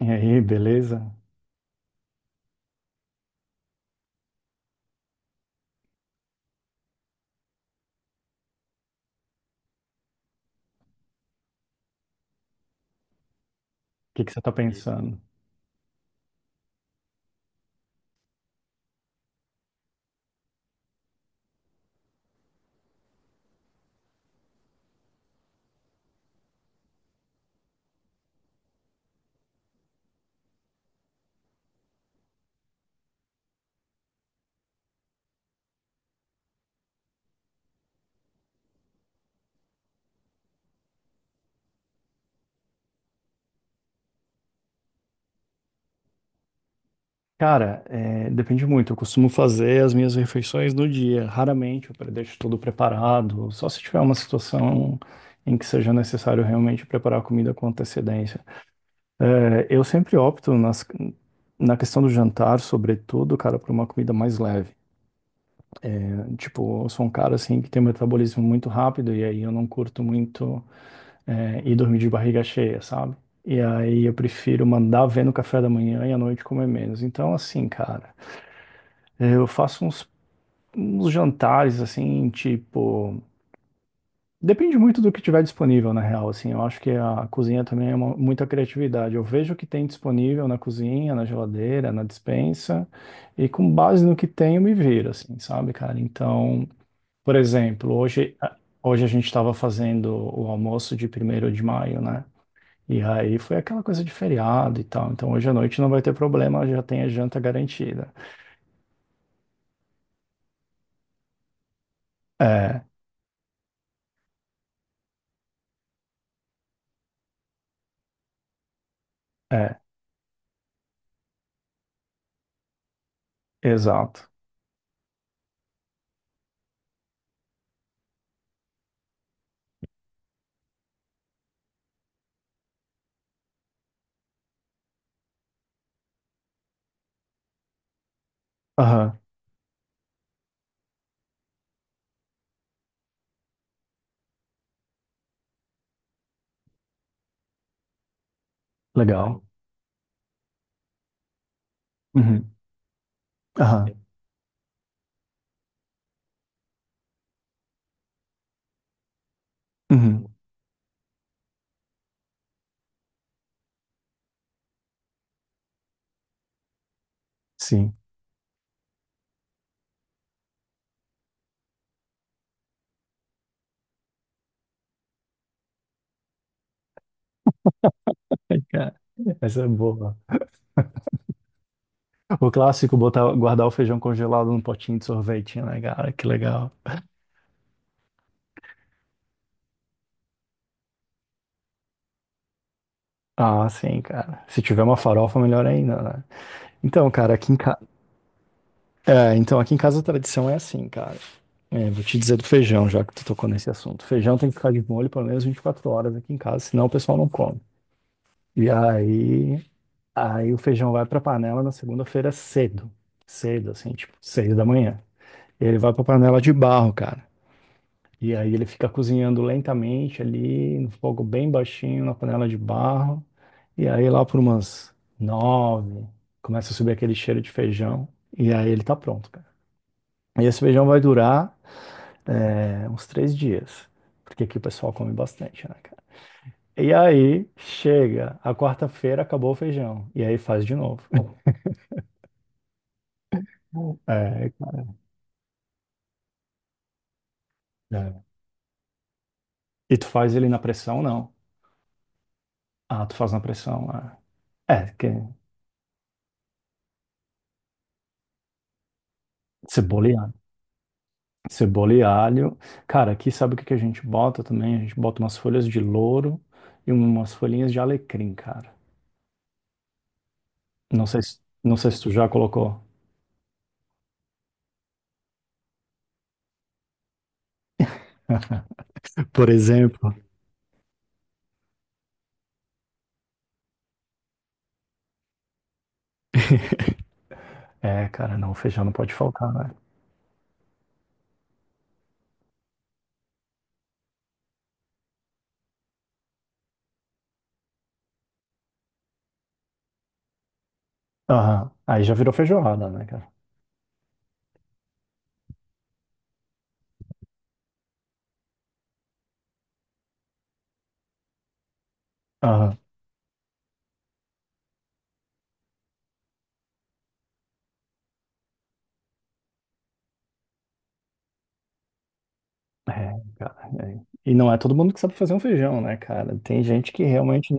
E aí, beleza? O que que você tá pensando? Cara, é, depende muito. Eu costumo fazer as minhas refeições no dia. Raramente eu deixo tudo preparado, só se tiver uma situação em que seja necessário realmente preparar a comida com antecedência. É, eu sempre opto na questão do jantar, sobretudo, cara, por uma comida mais leve. Tipo, eu sou um cara assim que tem um metabolismo muito rápido e aí eu não curto muito. Dormir de barriga cheia, sabe? E aí eu prefiro mandar ver no café da manhã e à noite comer menos. Então, assim, cara, eu faço uns jantares, assim, tipo. Depende muito do que tiver disponível, na real, assim. Eu acho que a cozinha também é muita criatividade. Eu vejo o que tem disponível na cozinha, na geladeira, na despensa, e com base no que tem eu me viro, assim, sabe, cara? Então, por exemplo, hoje a gente estava fazendo o almoço de 1º de maio, né? E aí foi aquela coisa de feriado e tal. Então hoje à noite não vai ter problema, já tem a janta garantida. É, é, exato. Aham, legal. Uhum, aham, uhum, sim. Cara, essa é boa. O clássico, botar, guardar o feijão congelado num potinho de sorvete, né, cara? Que legal. Ah, sim, cara. Se tiver uma farofa, melhor ainda, né? Então, cara, é, então aqui em casa a tradição é assim, cara. É, vou te dizer do feijão, já que tu tocou nesse assunto. Feijão tem que ficar de molho pelo menos 24 horas aqui em casa, senão o pessoal não come. E aí, o feijão vai pra panela na segunda-feira cedo. Cedo, assim, tipo, 6 da manhã. Ele vai pra panela de barro, cara. E aí ele fica cozinhando lentamente ali, no fogo bem baixinho, na panela de barro. E aí lá por umas 9, começa a subir aquele cheiro de feijão. E aí ele tá pronto, cara. E esse feijão vai durar, né, uns 3 dias, porque aqui o pessoal come bastante, né, cara? E aí chega, a quarta-feira acabou o feijão, e aí faz de novo. É, cara, é. E tu faz ele na pressão, não? Ah, tu faz na pressão, ah. É, que cebola e alho. Cebola e alho. Cara, aqui sabe o que que a gente bota também? A gente bota umas folhas de louro e umas folhinhas de alecrim, cara. Não sei se tu já colocou. Por exemplo. É, cara, não, feijão não pode faltar, né? Aham. Aí já virou feijoada, né, cara? Aham. É, cara, é. E não é todo mundo que sabe fazer um feijão, né, cara? Tem gente que realmente.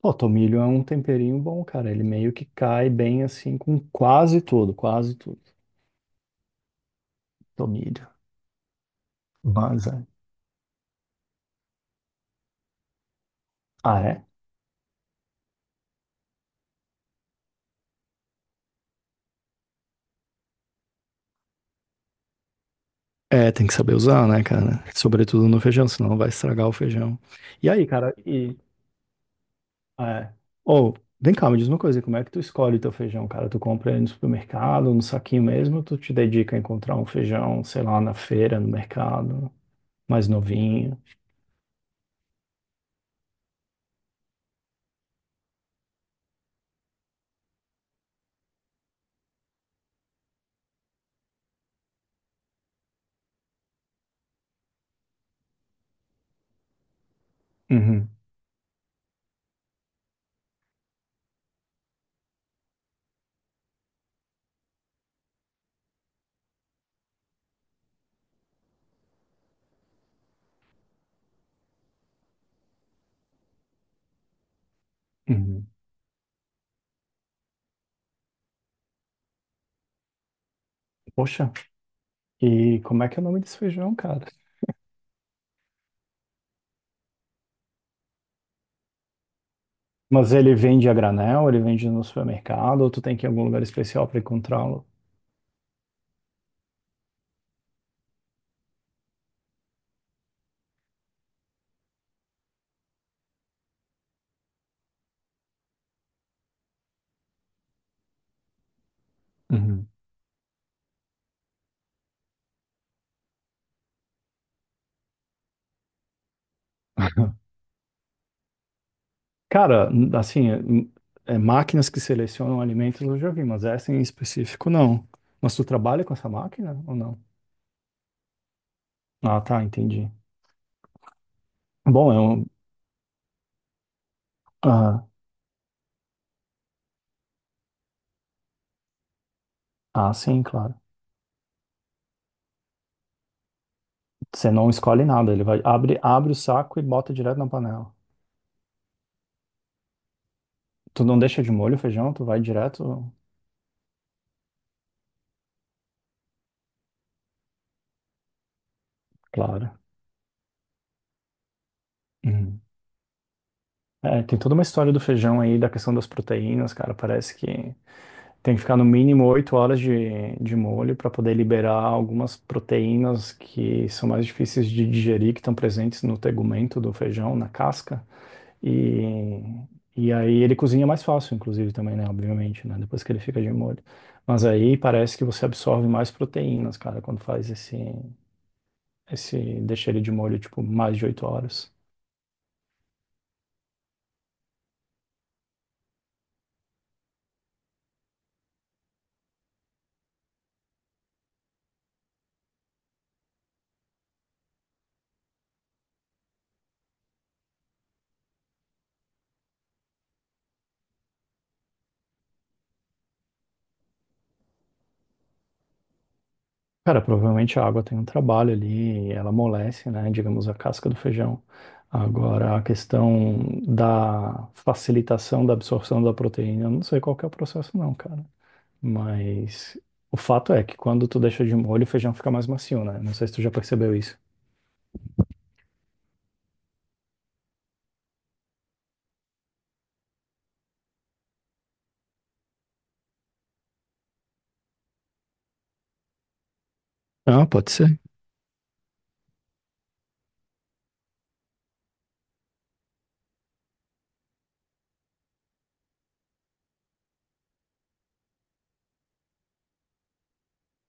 Pô, tomilho é um temperinho bom, cara. Ele meio que cai bem assim com quase tudo, quase tudo. Tomilho. Mas é. Ah, é? É, tem que saber usar, né, cara? Sobretudo no feijão, senão vai estragar o feijão. E aí, cara. É. Ou, vem cá, me diz uma coisa, como é que tu escolhe teu feijão, cara? Tu compra ele no supermercado, no saquinho mesmo, ou tu te dedica a encontrar um feijão, sei lá, na feira, no mercado, mais novinho? Uhum, uhum. Poxa, e como é que é o nome desse feijão, cara? Mas ele vende a granel, ele vende no supermercado, ou tu tem que ir em algum lugar especial para encontrá-lo? Uhum. Cara, assim, é máquinas que selecionam alimentos eu já vi, mas essa em específico não. Mas tu trabalha com essa máquina ou não? Ah, tá, entendi. Bom, é um. Ah, ah, sim, claro. Você não escolhe nada, ele vai abre o saco e bota direto na panela. Tu não deixa de molho o feijão, tu vai direto. Claro. Uhum. É, tem toda uma história do feijão aí, da questão das proteínas, cara. Parece que tem que ficar no mínimo 8 horas de molho para poder liberar algumas proteínas que são mais difíceis de digerir, que estão presentes no tegumento do feijão, na casca. E, e aí ele cozinha mais fácil, inclusive, também, né? Obviamente, né? Depois que ele fica de molho. Mas aí parece que você absorve mais proteínas, cara, quando faz esse deixa ele de molho, tipo, mais de 8 horas. Cara, provavelmente a água tem um trabalho ali, ela amolece, né? Digamos, a casca do feijão. Agora, a questão da facilitação da absorção da proteína, eu não sei qual que é o processo, não, cara. Mas o fato é que quando tu deixa de molho, o feijão fica mais macio, né? Não sei se tu já percebeu isso. Ah, pode ser.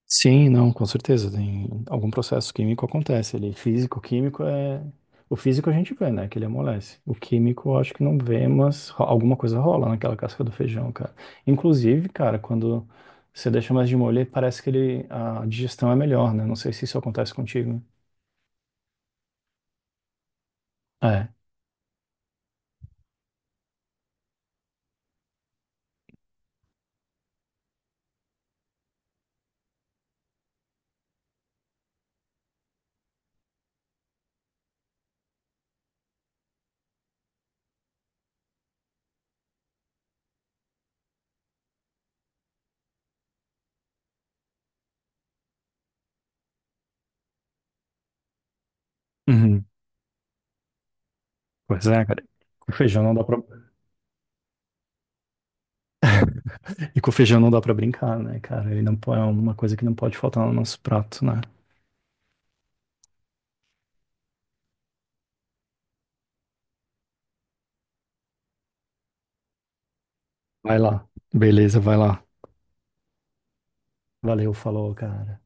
Sim, não, com certeza. Tem algum processo químico acontece ali. Físico, químico é. O físico a gente vê, né? Que ele amolece. O químico eu acho que não vê, mas alguma coisa rola naquela casca do feijão, cara. Inclusive, cara, quando você deixa mais de molho, parece que a digestão é melhor, né? Não sei se isso acontece contigo. É. Uhum. Pois é, cara. Com feijão não dá pra. E com feijão não dá pra brincar, né, cara? Ele não. É uma coisa que não pode faltar no nosso prato, né? Vai lá. Beleza, vai lá. Valeu, falou, cara.